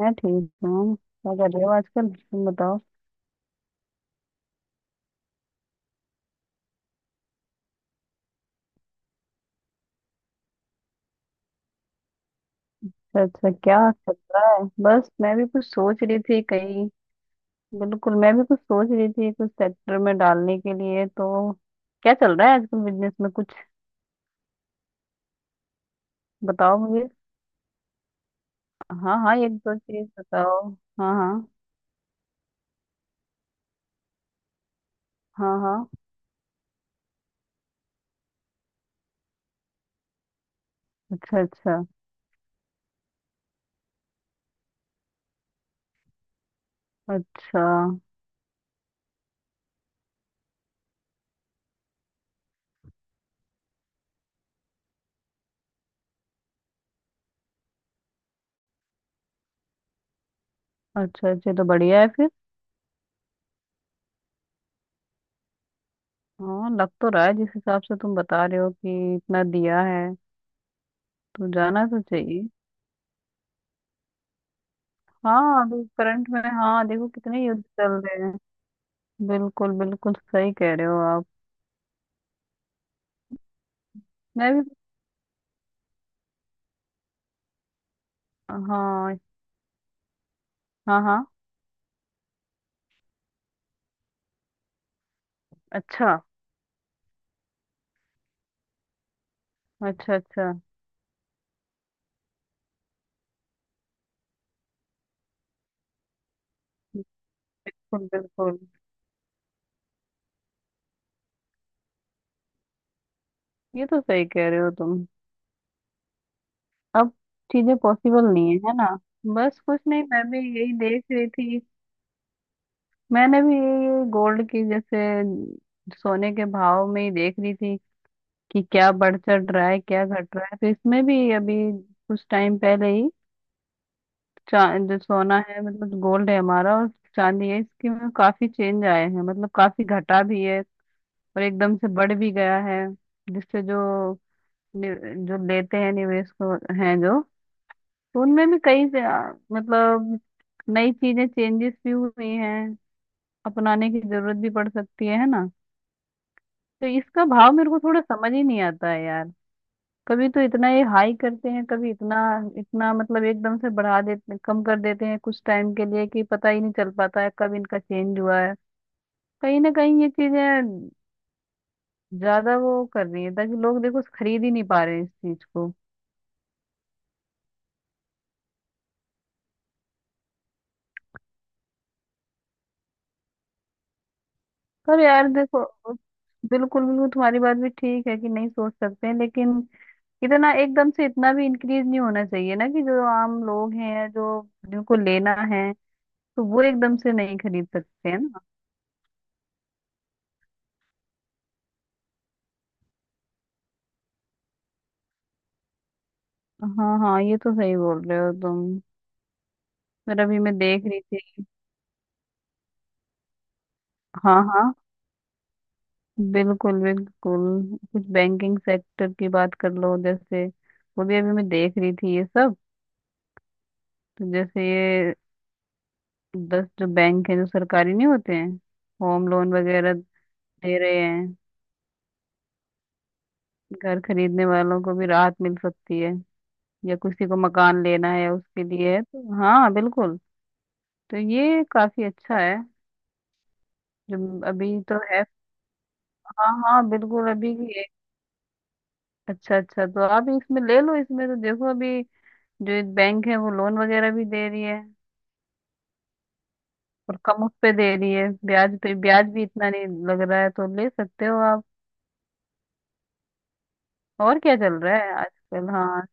मैं ठीक हूँ। क्या कर रहे हो आजकल तुम बताओ? अच्छा अच्छा। क्या चल रहा है? बस मैं भी कुछ सोच रही थी कहीं। बिल्कुल। मैं भी कुछ सोच रही थी कुछ सेक्टर में डालने के लिए, तो क्या चल रहा है आजकल बिजनेस में कुछ? बताओ मुझे। हाँ हाँ, एक दो चीज बताओ। हाँ हाँ। हाँ हाँ। अच्छा अच्छा। अच्छा अच्छा। अच्छा, तो बढ़िया है फिर। हाँ, लग तो रहा है जिस हिसाब से तुम बता रहे हो कि इतना दिया है, तो जाना तो चाहिए। हाँ, अभी करंट में। हाँ, देखो कितने युद्ध चल रहे हैं। बिल्कुल बिल्कुल, सही कह रहे हो आप। मैं भी। हाँ। हाँ हाँ। अच्छा। अच्छा अच्छा। बिल्कुल। बिल्कुल। ये तो सही कह रहे हो तुम। अब चीजें पॉसिबल नहीं है, है ना? बस कुछ नहीं, मैं भी यही देख रही थी। मैंने भी ये गोल्ड की जैसे सोने के भाव में ही देख रही थी कि क्या बढ़ चढ़ रहा है, क्या घट रहा है, तो इसमें भी अभी कुछ टाइम पहले ही जो सोना है, मतलब गोल्ड है हमारा, और चांदी है, इसके में काफी चेंज आए हैं। मतलब काफी घटा भी है और एकदम से बढ़ भी गया है। जिससे जो जो लेते हैं निवेश को, हैं जो, तो उनमें भी कई से मतलब नई चीजें चेंजेस भी हुई हैं। अपनाने की जरूरत भी पड़ सकती है ना? तो इसका भाव मेरे को थोड़ा समझ ही नहीं आता है यार। कभी तो इतना ये हाई करते हैं, कभी इतना, इतना मतलब एकदम से बढ़ा देते, कम कर देते हैं कुछ टाइम के लिए, कि पता ही नहीं चल पाता है कब इनका चेंज हुआ है। कहीं ना कहीं ये चीजें ज्यादा वो कर रही है ताकि लोग देखो खरीद ही नहीं पा रहे हैं इस चीज को। पर यार देखो, बिल्कुल बिल्कुल तुम्हारी बात भी ठीक है कि नहीं सोच सकते हैं, लेकिन इतना एकदम से इतना भी इंक्रीज नहीं होना चाहिए ना, कि जो आम लोग हैं, जो जिनको लेना है तो वो एकदम से नहीं खरीद सकते हैं ना। हाँ हाँ, ये तो सही बोल रहे हो तुम। पर अभी मैं देख रही थी। हाँ हाँ, बिल्कुल बिल्कुल, कुछ बैंकिंग सेक्टर की बात कर लो जैसे, वो भी अभी मैं देख रही थी ये सब। तो जैसे ये 10 जो बैंक हैं जो सरकारी नहीं होते हैं, होम लोन वगैरह दे रहे हैं। घर खरीदने वालों को भी राहत मिल सकती है, या किसी को मकान लेना है उसके लिए है, तो हाँ बिल्कुल। तो ये काफी अच्छा है जो अभी तो है। हाँ हाँ, बिल्कुल अभी की है। अच्छा अच्छा, तो आप इसमें ले लो। इसमें तो देखो अभी जो एक बैंक है वो लोन वगैरह भी दे रही है, और कम उस पे दे रही है, ब्याज पे ब्याज भी इतना नहीं लग रहा है, तो ले सकते हो आप। और क्या चल रहा है आजकल? हाँ।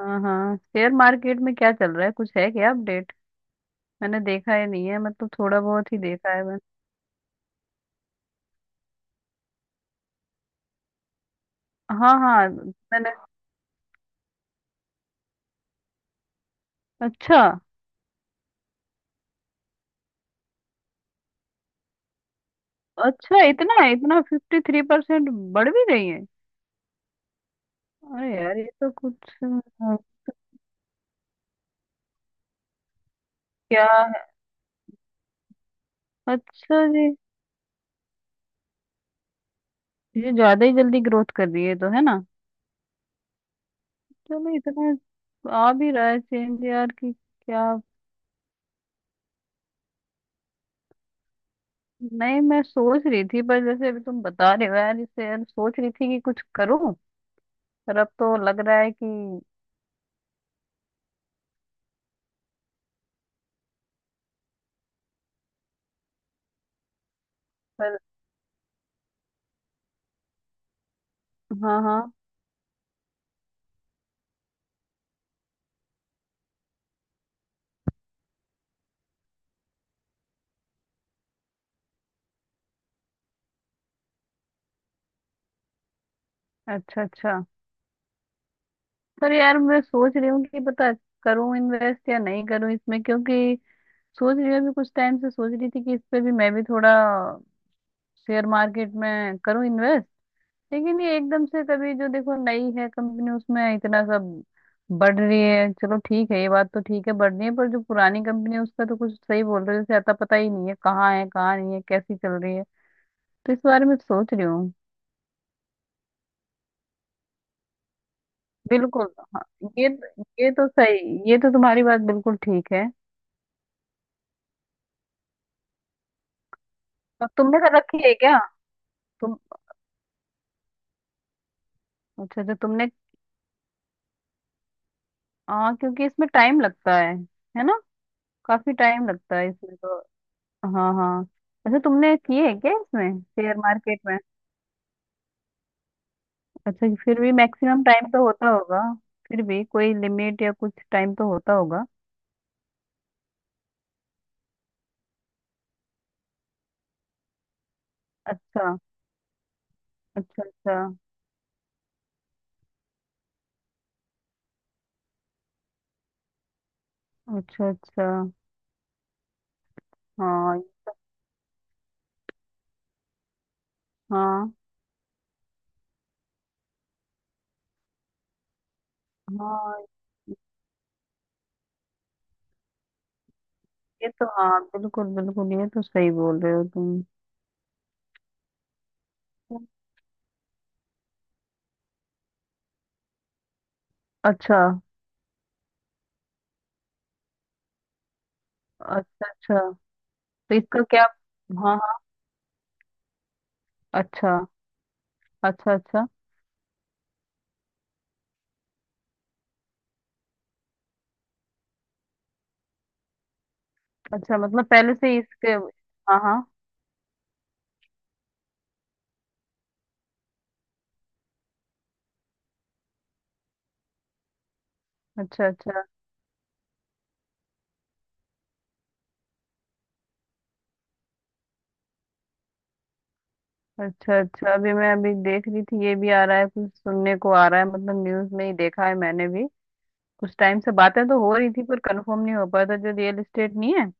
हाँ हाँ, शेयर मार्केट में क्या चल रहा है, कुछ है क्या अपडेट? मैंने देखा ही नहीं है, मतलब थोड़ा बहुत ही देखा है मैंने। हाँ हाँ। मैंने। अच्छा अच्छा, इतना इतना 53% बढ़ भी गई है। अरे यार, ये तो कुछ अ, क्या है। अच्छा जी। ये ज्यादा ही जल्दी ग्रोथ कर रही है तो, है ना? चलो, इतना आ भी रहा है चेंज यार कि क्या। नहीं, मैं सोच रही थी पर जैसे अभी तुम बता रहे हो यार, इससे यार सोच रही थी कि कुछ करूं। पर अब तो लग रहा है कि पर। हाँ हाँ। अच्छा अच्छा। पर यार मैं सोच रही हूँ कि पता करूं इन्वेस्ट या नहीं करूं इसमें, क्योंकि सोच रही हूँ अभी कुछ टाइम से सोच रही थी कि इस पे भी मैं भी थोड़ा शेयर मार्केट में करूं इन्वेस्ट। लेकिन ये एकदम से कभी जो देखो नई है कंपनी उसमें इतना सब बढ़ रही है, चलो ठीक है, ये बात तो ठीक है, बढ़ रही है पर जो पुरानी कंपनी है उसका तो कुछ, सही बोल रहे हो जैसे, आता पता ही नहीं है कहाँ है कहाँ नहीं है कैसी चल रही है। तो इस बारे में सोच रही हूँ। बिल्कुल। हाँ। ये ये तो सही, ये तो तुम्हारी बात बिल्कुल ठीक है। और तुमने कर रखी है क्या? तुम। अच्छा अच्छा, तुमने। हाँ, क्योंकि इसमें टाइम लगता है ना? काफी टाइम लगता है इसमें तो। हाँ हाँ। अच्छा, तुमने किए है क्या इसमें शेयर मार्केट में? अच्छा, कि फिर भी मैक्सिमम टाइम तो होता होगा। फिर भी कोई लिमिट या कुछ टाइम तो होता होगा। अच्छा। अच्छा अच्छा। अच्छा अच्छा। हाँ हाँ। हाँ। ये तो हाँ, बिल्कुल बिल्कुल ये तो सही बोल रहे हो तुम। अच्छा। अच्छा अच्छा। तो इसका क्या? हाँ हाँ। अच्छा। अच्छा अच्छा। अच्छा मतलब पहले से इसके, हाँ हाँ। अच्छा। अच्छा अच्छा। अच्छा। अभी मैं अभी देख रही थी, ये भी आ रहा है, कुछ सुनने को आ रहा है, मतलब न्यूज में ही देखा है मैंने भी। कुछ टाइम से बातें तो हो रही थी पर कंफर्म नहीं हो पाया था जो रियल एस्टेट नहीं है।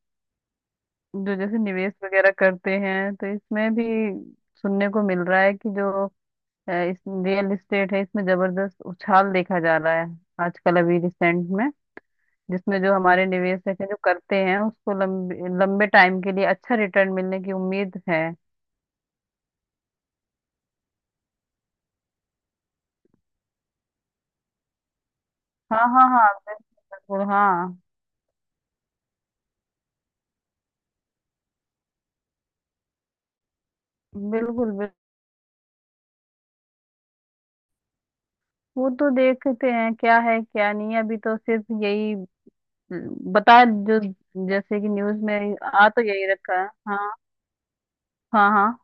जो जैसे निवेश वगैरह करते हैं, तो इसमें भी सुनने को मिल रहा है कि जो इस रियल एस्टेट है, इसमें जबरदस्त उछाल देखा जा रहा है आजकल अभी रिसेंट में। जिसमें जो हमारे निवेशक हैं जो करते हैं उसको लंबे लंबे टाइम के लिए अच्छा रिटर्न मिलने की उम्मीद है। हाँ हाँ हाँ, बिल्कुल हाँ। बिल्कुल बिल्कुल। वो तो देखते हैं क्या है क्या नहीं है, अभी तो सिर्फ यही बता, जो जैसे कि न्यूज में आ तो यही रखा है, हाँ। हाँ हाँ।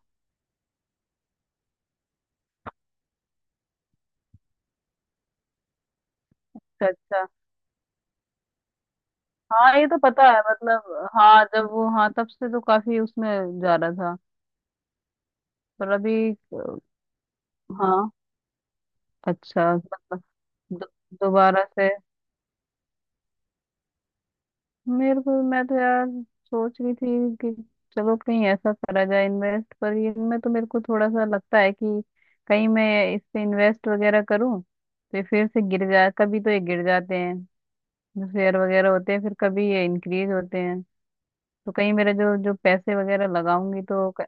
अच्छा अच्छा। हाँ, ये तो पता है, मतलब हाँ जब वो, हाँ तब से तो काफी उसमें जा रहा था। पर अभी हाँ। अच्छा मतलब दो- दोबारा से। मेरे को, मैं तो यार सोच रही थी कि चलो कहीं ऐसा करा जाए इन्वेस्ट, पर इनमें तो मेरे को थोड़ा सा लगता है कि कहीं मैं इस पे इन्वेस्ट वगैरह करूं तो ये फिर से गिर जाए, कभी तो ये गिर जाते हैं जो शेयर वगैरह होते हैं, फिर कभी ये इंक्रीज होते हैं। तो कहीं मेरे जो जो पैसे वगैरह लगाऊंगी तो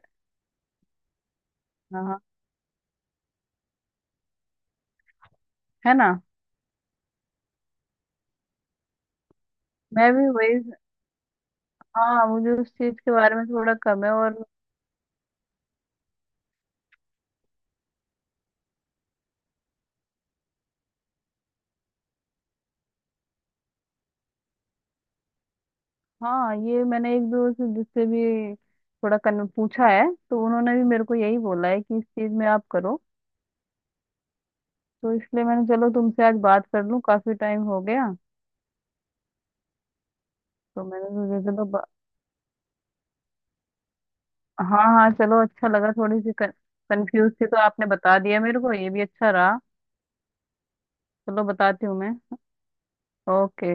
हाँ, है ना? मैं भी वही। हाँ, मुझे उस चीज के बारे में थोड़ा कम है और हाँ, ये मैंने एक दो से जिससे भी थोड़ा कन पूछा है, तो उन्होंने भी मेरे को यही बोला है कि इस चीज में आप करो। तो इसलिए मैंने चलो तुमसे आज बात कर लूं, काफी टाइम हो गया। तो मैंने सोचा चलो हाँ हाँ, चलो, अच्छा लगा। थोड़ी सी कंफ्यूज थी तो आपने बता दिया मेरे को, ये भी अच्छा रहा। चलो बताती हूँ मैं। ओके।